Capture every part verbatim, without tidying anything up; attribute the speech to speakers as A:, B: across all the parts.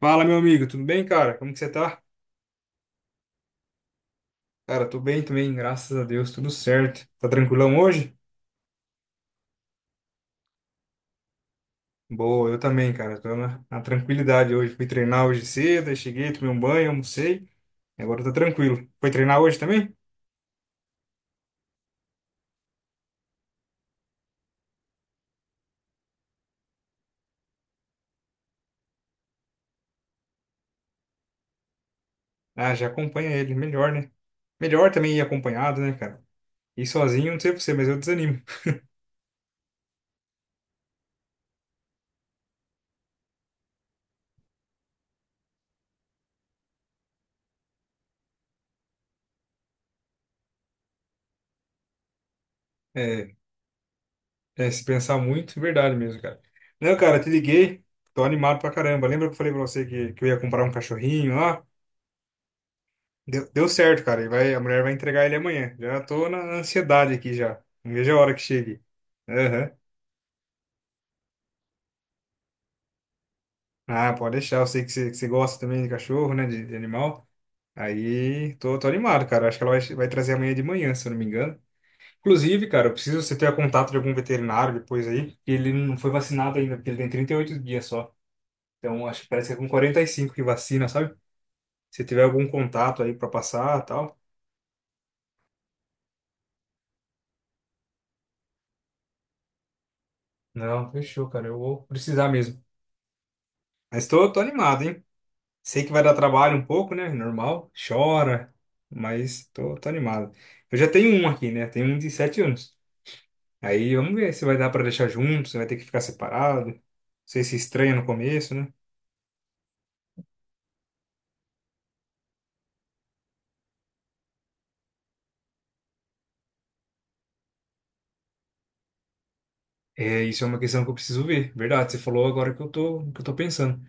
A: Fala, meu amigo, tudo bem, cara? Como que você tá? Cara, tô bem também, graças a Deus, tudo certo. Tá tranquilão hoje? Boa, eu também, cara, tô na, na tranquilidade hoje. Fui treinar hoje cedo, aí cheguei, tomei um banho, almocei, e agora tá tranquilo. Foi treinar hoje também? Ah, já acompanha ele, melhor, né? Melhor também ir acompanhado, né, cara? Ir sozinho, não sei pra você, mas eu desanimo. É, é, se pensar muito, é verdade mesmo, cara. Não, cara, te liguei, tô animado pra caramba. Lembra que eu falei pra você que, que eu ia comprar um cachorrinho lá? Deu, deu certo, cara. E vai, a mulher vai entregar ele amanhã. Já tô na ansiedade aqui já. Não vejo a hora que chegue. Aham. Ah, pode deixar. Eu sei que você, que você gosta também de cachorro, né? De, de animal. Aí tô, tô animado, cara. Acho que ela vai, vai trazer amanhã de manhã, se eu não me engano. Inclusive, cara, eu preciso você ter contato de algum veterinário depois aí. Que Ele não foi vacinado ainda, porque ele tem trinta e oito dias só. Então, acho que parece que é com quarenta e cinco que vacina, sabe? Se tiver algum contato aí pra passar, e tal. Não, fechou, cara. Eu vou precisar mesmo. Mas tô, tô animado, hein? Sei que vai dar trabalho um pouco, né? Normal, chora, mas tô, tô animado. Eu já tenho um aqui, né? Tenho um de sete anos. Aí vamos ver se vai dar pra deixar junto, se vai ter que ficar separado. Não sei se estranha no começo, né? É, isso é uma questão que eu preciso ver. Verdade, você falou agora que eu tô, que eu tô pensando.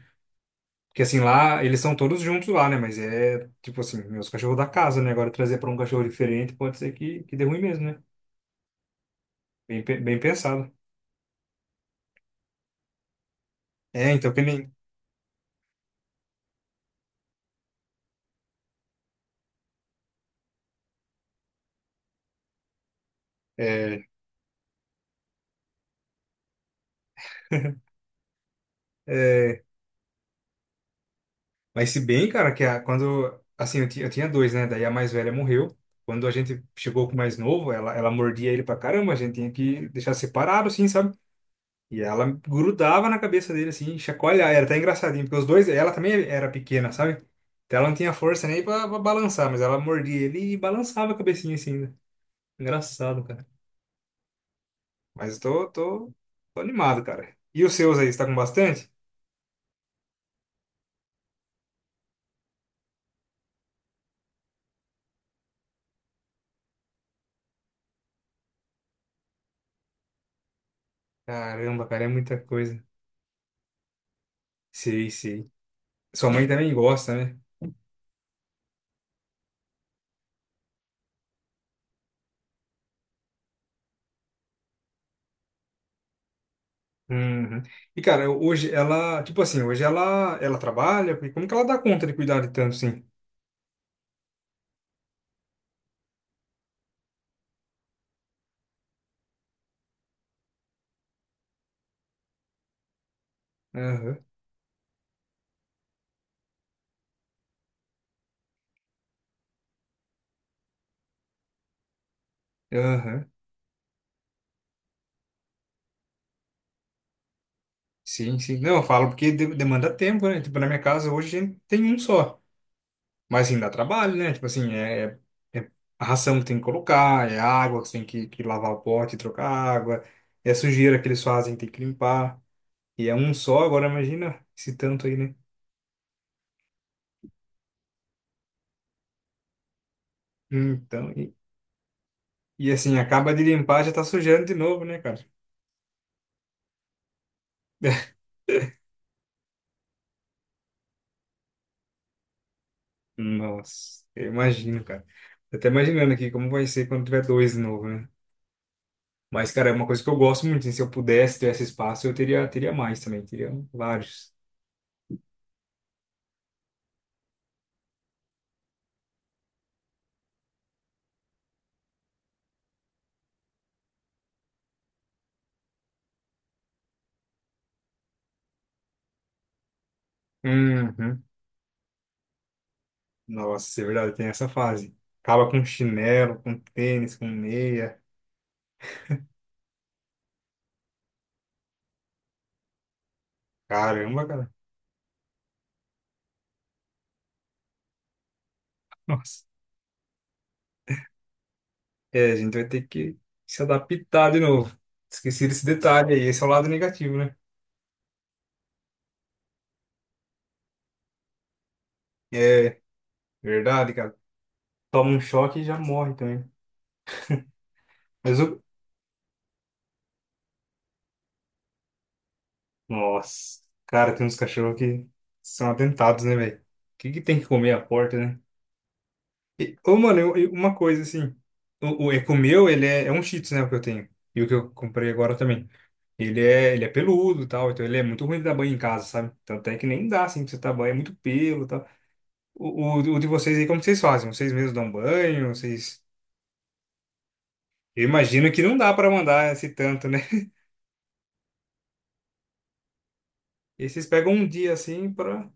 A: Porque assim, lá, eles são todos juntos lá, né? Mas é, tipo assim, meus cachorros da casa, né? Agora trazer pra um cachorro diferente pode ser que, que dê ruim mesmo, né? Bem, pe- bem pensado. É, então, que nem. É, é. Mas se bem, cara, que a, quando. Assim, eu, ti- eu tinha dois, né? Daí a mais velha morreu. Quando a gente chegou com o mais novo, ela, ela mordia ele pra caramba. A gente tinha que deixar separado, assim, sabe? E ela grudava na cabeça dele, assim, chacoalhar. Era até engraçadinho, porque os dois. Ela também era pequena, sabe? Então ela não tinha força nem pra, pra balançar, mas ela mordia ele e balançava a cabecinha, assim, né? Engraçado, cara. Mas eu tô, tô, tô animado, cara. E os seus aí, você tá com bastante? Caramba, cara, é muita coisa. Sei, sei. Sua mãe também gosta, né? Uhum. E cara, hoje ela, tipo assim, hoje ela ela trabalha, porque como que ela dá conta de cuidar de tanto assim? Aham, aham. Sim, sim. Não, eu falo porque de- demanda tempo, né? Tipo, na minha casa hoje a gente tem um só. Mas assim, dá trabalho, né? Tipo assim, é, é a ração que tem que colocar, é a água que você tem que, que lavar o pote, trocar a água, é a sujeira que eles fazem, tem que limpar. E é um só, agora imagina esse tanto aí, né? Então, e, e assim, acaba de limpar, já tá sujando de novo, né, cara? Nossa, eu imagino, cara. Tô até imaginando aqui como vai ser quando tiver dois de novo, né? Mas, cara, é uma coisa que eu gosto muito, hein? Se eu pudesse ter esse espaço, eu teria, teria mais também. Teria vários. Uhum. Nossa, é verdade, tem essa fase. Acaba com chinelo, com tênis, com meia. Caramba, cara. Nossa. É, a gente vai ter que se adaptar de novo. Esqueci desse detalhe aí. Esse é o lado negativo, né? É, verdade, cara. Toma um choque e já morre também. Mas o, Nossa, cara, tem uns cachorros que são atentados, né, velho? O que que tem que comer à porta, né? E, ô, mano, eu- eu- uma coisa assim, o, o Eco meu, ele é, é um Shih Tzu, né, o que eu tenho. E o que eu comprei agora também. Ele é, ele é peludo e tal, então ele é muito ruim de dar banho em casa, sabe? Então até que nem dá, assim, pra você dar banho, é muito pelo e tal. O, o, o de vocês aí, como que vocês fazem? Vocês mesmos dão banho? Vocês. Eu imagino que não dá pra mandar esse tanto, né? E vocês pegam um dia, assim, pra.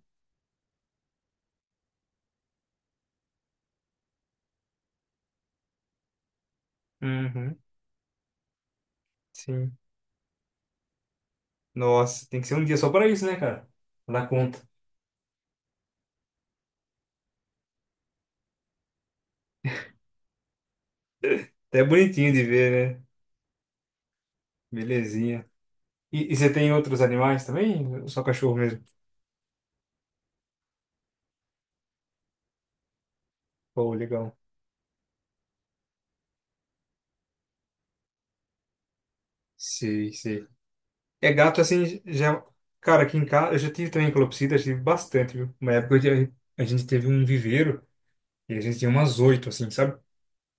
A: Uhum, sim. Nossa, tem que ser um dia só para isso, né, cara? Dá conta. Até é bonitinho de ver, né? Belezinha. E, e você tem outros animais também? Ou só cachorro mesmo. Pô, legal. Sei, sei. É gato assim, já. é, Cara, aqui em casa, eu já tive também calopsita, já tive bastante, viu? Uma época eu tinha- a gente teve um viveiro e a gente tinha umas oito, assim, sabe?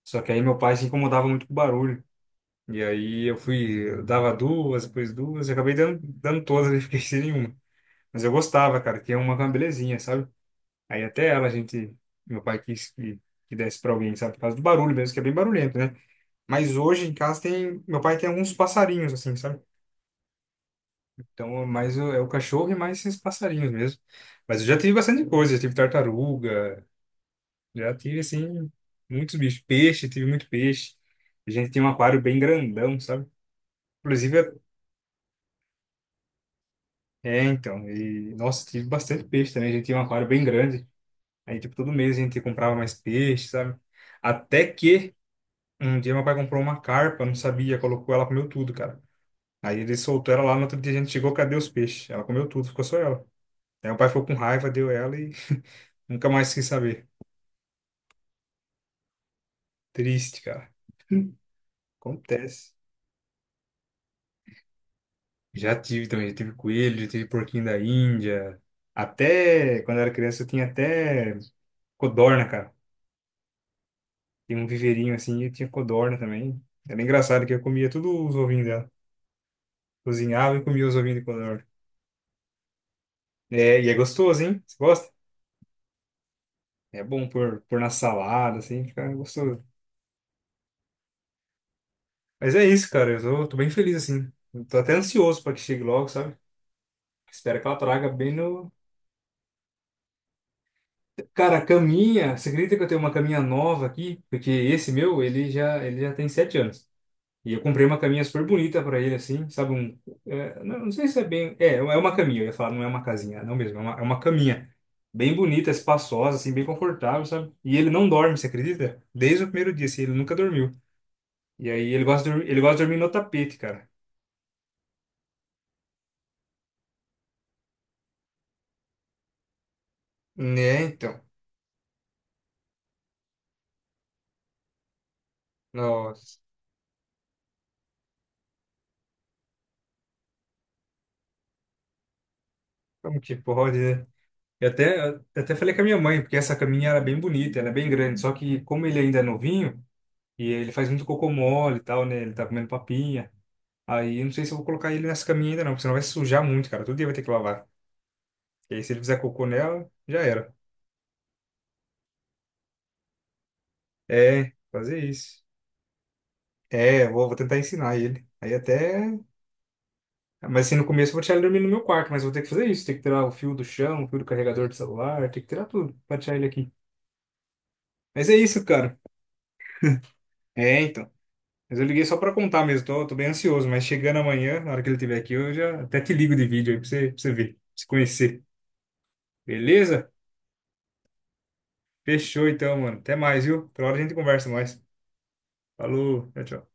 A: Só que aí meu pai se incomodava muito com o barulho. E aí eu fui, eu dava duas, depois duas, e acabei dando, dando todas e fiquei sem nenhuma. Mas eu gostava, cara, que é uma belezinha, sabe? Aí até ela, a gente, meu pai quis que, que desse para alguém, sabe? Por causa do barulho mesmo, que é bem barulhento, né? Mas hoje em casa tem, meu pai tem alguns passarinhos, assim, sabe? Então, mais o- é o cachorro e mais esses passarinhos mesmo. Mas eu já tive bastante coisa, já tive tartaruga, já tive, assim, muitos bichos. Peixe, tive muito peixe. A gente tem um aquário bem grandão, sabe? Inclusive, é, então, e, nossa, tive bastante peixe também, a gente tinha um aquário bem grande. Aí, tipo, todo mês a gente comprava mais peixe, sabe? Até que um dia meu pai comprou uma carpa, não sabia, colocou ela, comeu tudo, cara. Aí ele soltou ela lá, no outro dia a gente chegou, cadê os peixes? Ela comeu tudo, ficou só ela. Aí meu pai ficou com raiva, deu ela e nunca mais quis saber. Triste, cara. Acontece. Já tive também, já tive coelho, já tive porquinho da Índia. Até quando eu era criança eu tinha até codorna, cara. Tinha um viveirinho assim e tinha codorna também. Era engraçado que eu comia tudo os ovinhos dela. Cozinhava e comia os ovinhos de codorna. É, e é gostoso, hein? Você gosta? É bom pôr, pôr na salada, assim, fica gostoso. Mas é isso, cara. Eu tô, tô bem feliz, assim. Eu tô até ansioso pra que chegue logo, sabe? Espero que ela traga bem no. Cara, a caminha. Você acredita que eu tenho uma caminha nova aqui? Porque esse meu, ele já, ele já tem sete anos. E eu comprei uma caminha super bonita pra ele, assim, sabe? Um, é, não, não sei se é bem. É, é uma caminha, eu ia falar, não é uma casinha, não mesmo. É uma, é uma caminha. Bem bonita, espaçosa, assim, bem confortável, sabe? E ele não dorme, você acredita? Desde o primeiro dia, assim, ele nunca dormiu. E aí ele gosta de, dormir- ele gosta de dormir no tapete, cara. Né, então. Nossa, como que pode, né? E até, eu até falei com a minha mãe, porque essa caminha era bem bonita, ela é bem grande, só que como ele ainda é novinho, e ele faz muito cocô mole e tal, né? Ele tá comendo papinha. Aí eu não sei se eu vou colocar ele nessa caminha ainda não, porque senão vai sujar muito, cara. Todo dia vai ter que lavar. E aí se ele fizer cocô nela, já era. É, fazer isso. É, eu vou, vou tentar ensinar ele. Aí até Mas assim, no começo eu vou tirar ele dormir no meu quarto, mas eu vou ter que fazer isso. Tem que tirar o fio do chão, o fio do carregador do celular, tem que tirar tudo pra tirar ele aqui. Mas é isso, cara. É, então. Mas eu liguei só pra contar mesmo, tô, tô bem ansioso, mas chegando amanhã, na hora que ele estiver aqui, eu já até te ligo de vídeo aí pra você, pra você ver, pra você conhecer. Beleza? Fechou então, mano. Até mais, viu? Outra hora a gente conversa mais. Falou, tchau, tchau.